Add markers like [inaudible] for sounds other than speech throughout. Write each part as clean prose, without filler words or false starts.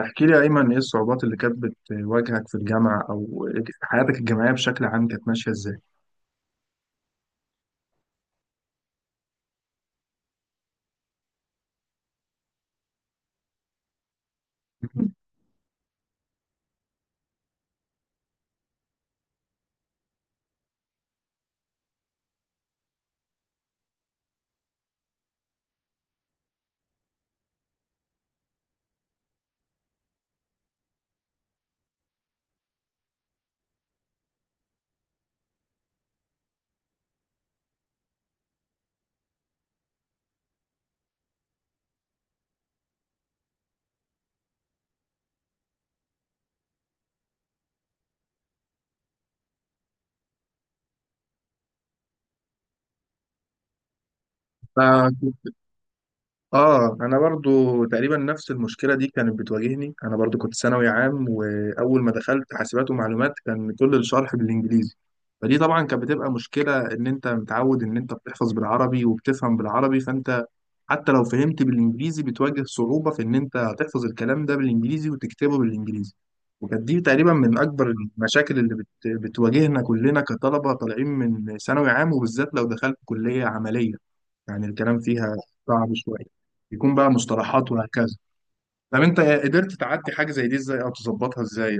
احكي لي يا أيمن، إيه الصعوبات اللي كانت بتواجهك في الجامعة، أو حياتك الجامعية بشكل عام كانت ماشية إزاي؟ [laughs] آه. أنا برضو تقريبا نفس المشكلة دي كانت بتواجهني. أنا برضو كنت ثانوي عام، وأول ما دخلت حاسبات ومعلومات كان كل الشرح بالإنجليزي. فدي طبعا كانت بتبقى مشكلة، إن أنت متعود إن أنت بتحفظ بالعربي وبتفهم بالعربي، فأنت حتى لو فهمت بالانجليزي بتواجه صعوبة في ان انت تحفظ الكلام ده بالانجليزي وتكتبه بالانجليزي. وكانت دي تقريبا من اكبر المشاكل اللي بتواجهنا كلنا كطلبة طالعين من ثانوي عام، وبالذات لو دخلت كلية عملية يعني الكلام فيها صعب شوية، يكون بقى مصطلحات وهكذا. طب انت قدرت تعدي حاجة زي دي ازاي، او تظبطها ازاي؟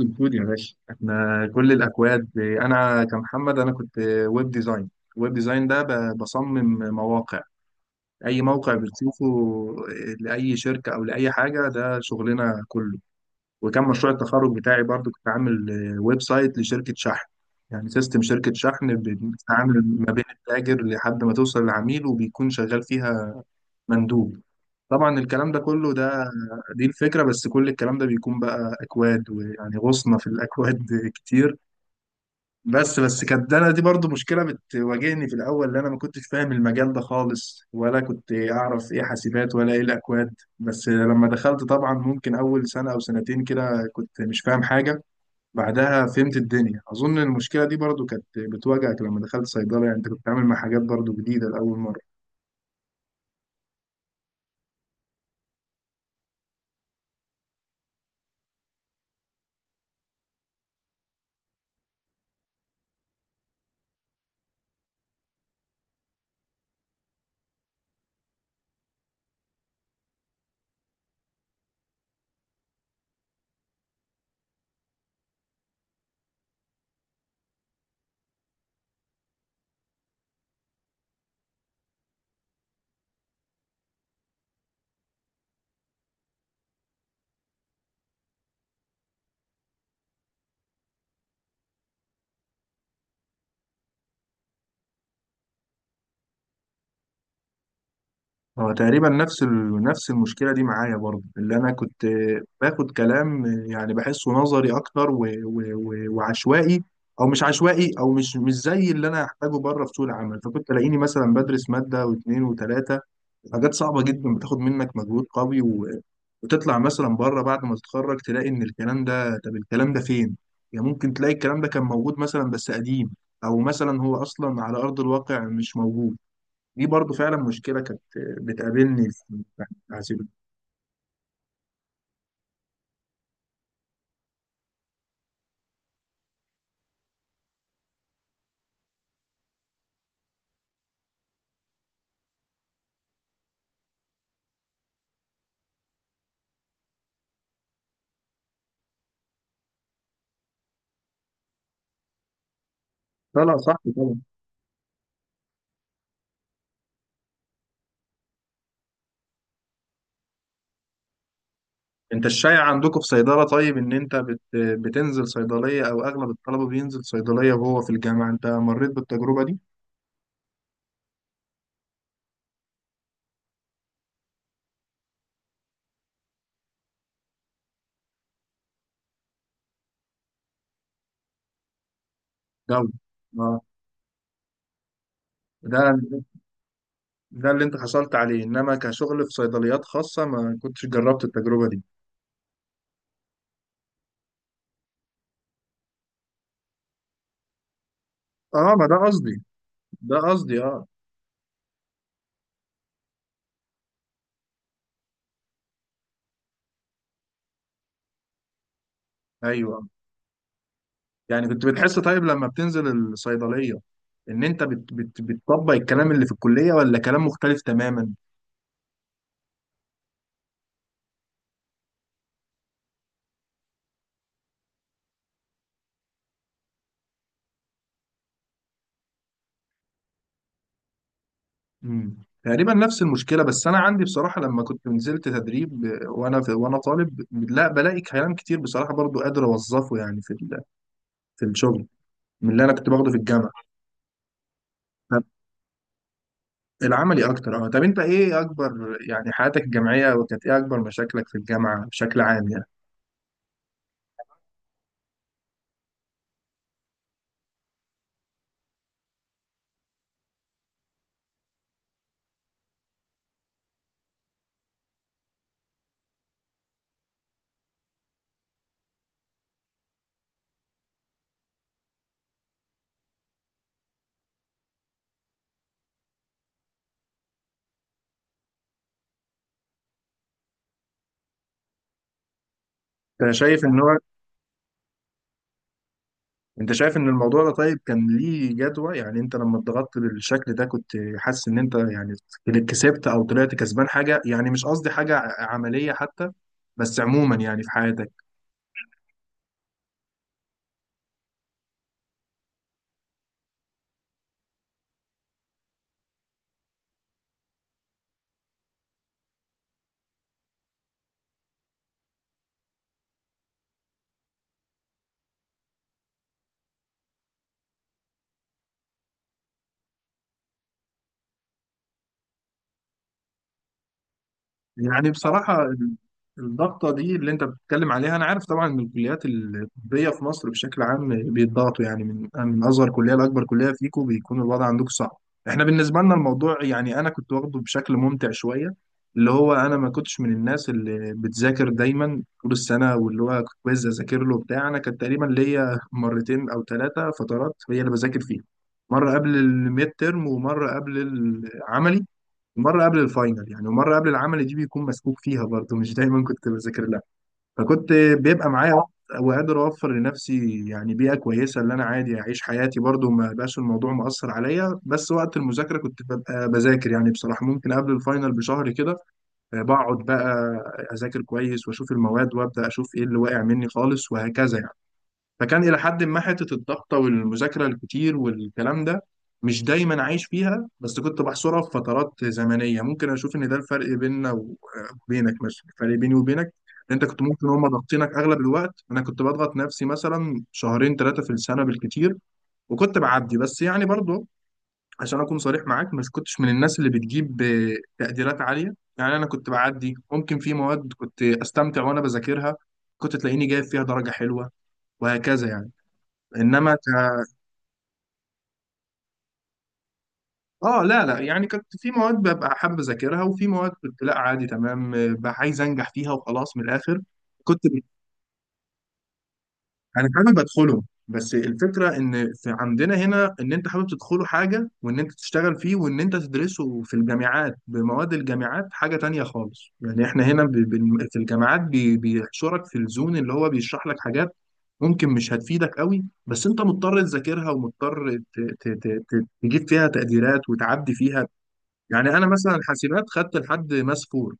الكود يا باشا، احنا كل الاكواد، انا كمحمد انا كنت ويب ديزاين. ويب ديزاين ده بصمم مواقع، اي موقع بتشوفه، لاي شركه او لاي حاجه، ده شغلنا كله. وكان مشروع التخرج بتاعي برضو كنت عامل ويب سايت لشركه شحن، يعني سيستم شركه شحن بتتعامل ما بين التاجر لحد ما توصل للعميل، وبيكون شغال فيها مندوب. طبعا الكلام ده كله، ده دي الفكره، بس كل الكلام ده بيكون بقى اكواد، ويعني غصنا في الاكواد [laughs] كتير. بس كانت انا دي برضو مشكله بتواجهني في الاول، اللي انا ما كنتش فاهم المجال ده خالص، ولا كنت اعرف ايه حاسبات ولا ايه الاكواد. بس لما دخلت طبعا ممكن اول سنه او سنتين كده كنت مش فاهم حاجه. بعدها فهمت الدنيا. اظن المشكله دي برضو كانت بتواجهك لما دخلت صيدله، يعني انت كنت بتتعامل مع حاجات برضو جديده لاول مره. هو تقريبا نفس نفس المشكله دي معايا برضه، اللي انا كنت باخد كلام يعني بحسه نظري اكتر وعشوائي، او مش عشوائي، او مش زي اللي انا احتاجه بره في سوق العمل. فكنت الاقيني مثلا بدرس ماده واثنين وثلاثه، حاجات صعبه جدا بتاخد منك مجهود قوي، وتطلع مثلا بره بعد ما تتخرج تلاقي ان الكلام ده، طب الكلام ده فين؟ يعني ممكن تلاقي الكلام ده كان موجود مثلا بس قديم، او مثلا هو اصلا على ارض الواقع مش موجود. دي برضو فعلا مشكلة كانت بتقابلني في التحاسيب. لا لا، صح طبعا. انت الشايع عندكم في صيدلة، طيب ان انت بتنزل صيدلية، او اغلب الطلبة بينزل صيدلية وهو في الجامعة، انت مريت بالتجربة دي؟ دولي. اه. ده ده اللي انت حصلت عليه، انما كشغل في صيدليات خاصة ما كنتش جربت التجربة دي. اه، ما ده قصدي، ده قصدي اه. ايوه. يعني كنت بتحس طيب لما بتنزل الصيدلية ان انت بتطبق الكلام اللي في الكلية، ولا كلام مختلف تماما؟ مم. تقريبا نفس المشكله. بس انا عندي بصراحه لما كنت نزلت تدريب، وانا في، وانا طالب، لا بلاقي كلام كتير بصراحه برضو قادر اوظفه يعني في في الشغل، من اللي انا كنت باخده في الجامعه. طب العملي اكتر اه. طب انت ايه اكبر يعني حياتك الجامعيه، وكانت ايه اكبر مشاكلك في الجامعه بشكل عام يعني؟ انت شايف ان هو، انت شايف ان الموضوع ده طيب كان ليه جدوى؟ يعني انت لما اتضغطت بالشكل ده كنت حاسس ان انت يعني كسبت، او طلعت كسبان حاجة؟ يعني مش قصدي حاجة عملية حتى، بس عموما يعني في حياتك. يعني بصراحة الضغطة دي اللي أنت بتتكلم عليها، أنا عارف طبعا إن الكليات الطبية في مصر بشكل عام بيتضغطوا، يعني من أصغر كلية لأكبر كلية، فيكم بيكون الوضع عندكم صعب. إحنا بالنسبة لنا الموضوع يعني أنا كنت واخده بشكل ممتع شوية، اللي هو أنا ما كنتش من الناس اللي بتذاكر دايما طول السنة واللي هو كويز أذاكر له بتاع. أنا كان تقريبا ليا مرتين أو ثلاثة فترات هي اللي بذاكر فيها. مرة قبل الميد ترم، ومرة قبل العملي، مرة قبل الفاينل يعني، ومرة قبل العمل دي بيكون مسكوك فيها برضه مش دايما كنت بذاكر لها. فكنت بيبقى معايا وقت، وقادر أوفر لنفسي يعني بيئة كويسة، اللي أنا عادي أعيش حياتي برضه، ما بقاش الموضوع مؤثر عليا. بس وقت المذاكرة كنت ببقى بذاكر، يعني بصراحة ممكن قبل الفاينل بشهر كده بقعد بقى أذاكر كويس، وأشوف المواد، وأبدأ أشوف إيه اللي واقع مني خالص وهكذا يعني. فكان إلى حد ما حتة الضغطة والمذاكرة الكتير والكلام ده مش دايما عايش فيها، بس كنت بحصرها في فترات زمنية. ممكن أشوف إن ده الفرق بيننا وبينك، مثلا الفرق بيني وبينك، إن أنت كنت ممكن هما ضاغطينك أغلب الوقت، أنا كنت بضغط نفسي مثلا شهرين ثلاثة في السنة بالكتير، وكنت بعدي. بس يعني برضه عشان أكون صريح معاك، مش كنتش من الناس اللي بتجيب تقديرات عالية، يعني أنا كنت بعدي. ممكن في مواد كنت أستمتع وأنا بذاكرها، كنت تلاقيني جايب فيها درجة حلوة وهكذا يعني. انما ك... اه لا لا، يعني كنت في مواد ببقى حابب اذاكرها، وفي مواد كنت لا عادي تمام، بقى عايز انجح فيها وخلاص من الاخر. كنت ب... انا حابب ادخلهم، بس الفكره ان في عندنا هنا، ان انت حابب تدخله حاجه، وان انت تشتغل فيه، وان انت تدرسه في الجامعات بمواد الجامعات حاجه تانية خالص. يعني احنا هنا في الجامعات بيحشرك في الزون اللي هو بيشرح لك حاجات ممكن مش هتفيدك قوي، بس انت مضطر تذاكرها، ومضطر تجيب فيها تقديرات وتعدي فيها. يعني انا مثلا حاسبات خدت لحد ماس فور،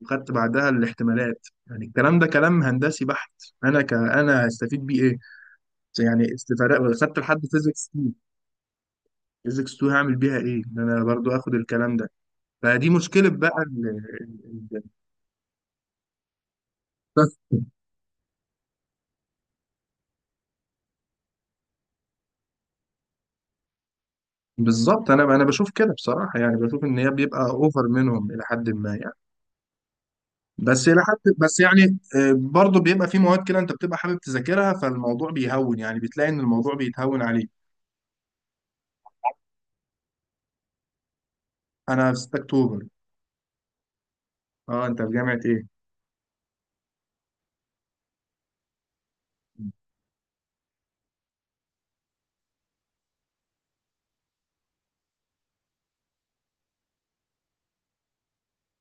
وخدت بعدها الاحتمالات، يعني الكلام ده كلام هندسي بحت. انا هستفيد بيه ايه؟ يعني استفاد خدت لحد فيزيكس 2، فيزيكس 2 هعمل بيها ايه ان انا برضو اخد الكلام ده؟ فدي مشكله بقى ال- ال- بالظبط. انا انا بشوف كده بصراحه، يعني بشوف ان هي بيبقى اوفر منهم الى حد ما يعني. بس الى حد، بس يعني برضو بيبقى في مواد كده انت بتبقى حابب تذاكرها، فالموضوع بيهون، يعني بتلاقي ان الموضوع بيتهون عليك. انا في 6 اكتوبر. اه، انت في جامعة ايه؟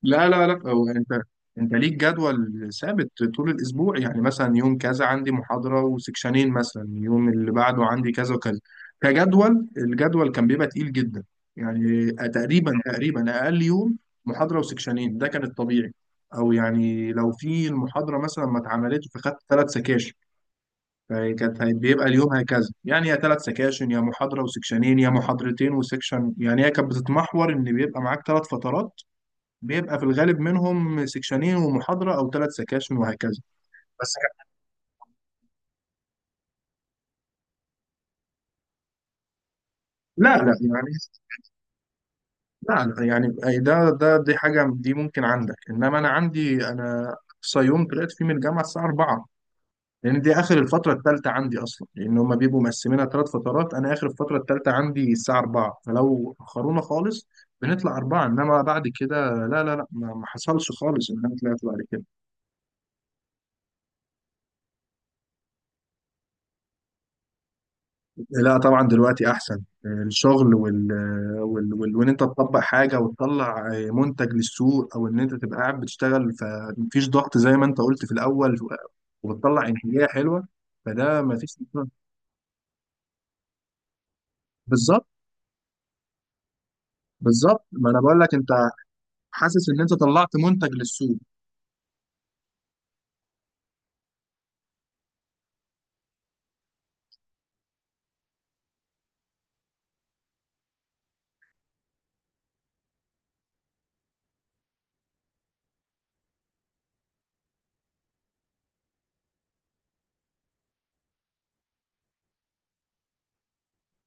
لا لا لا، هو انت، انت ليك جدول ثابت طول الاسبوع، يعني مثلا يوم كذا عندي محاضرة وسكشنين، مثلا يوم اللي بعده عندي كذا وكذا. كجدول، الجدول كان بيبقى تقيل جدا، يعني تقريبا تقريبا اقل يوم محاضرة وسكشنين، ده كان الطبيعي. او يعني لو في المحاضرة مثلا ما اتعملتش فخدت ثلاث سكاشن. فكانت بيبقى اليوم هكذا، يعني يا ثلاث سكاشن، يا محاضرة وسكشنين، يا محاضرتين وسكشن. يعني هي كانت بتتمحور ان بيبقى معاك ثلاث فترات، بيبقى في الغالب منهم سكشنين ومحاضرة أو ثلاث سكاشن وهكذا. بس لا لا يعني، لا لا يعني، أي ده دي حاجة دي ممكن عندك، إنما أنا عندي، أنا أقصى يوم طلعت فيه من الجامعة الساعة 4، لأن دي آخر الفترة الثالثة عندي أصلا، لأن هما بيبقوا مقسمينها ثلاث فترات. أنا آخر الفترة الثالثة عندي الساعة 4، فلو أخرونا خالص بنطلع 4، إنما بعد كده لا لا لا، ما حصلش خالص إن أنا طلعت بعد كده. لا طبعا دلوقتي احسن، الشغل وان انت تطبق حاجه وتطلع منتج للسوق، او ان انت تبقى قاعد بتشتغل فمفيش ضغط زي ما انت قلت في الاول، وبتطلع انتاجيه حلوه، فده مفيش. بالظبط. بالظبط، ما انا بقول لك، انت حاسس ان انت طلعت منتج للسوق.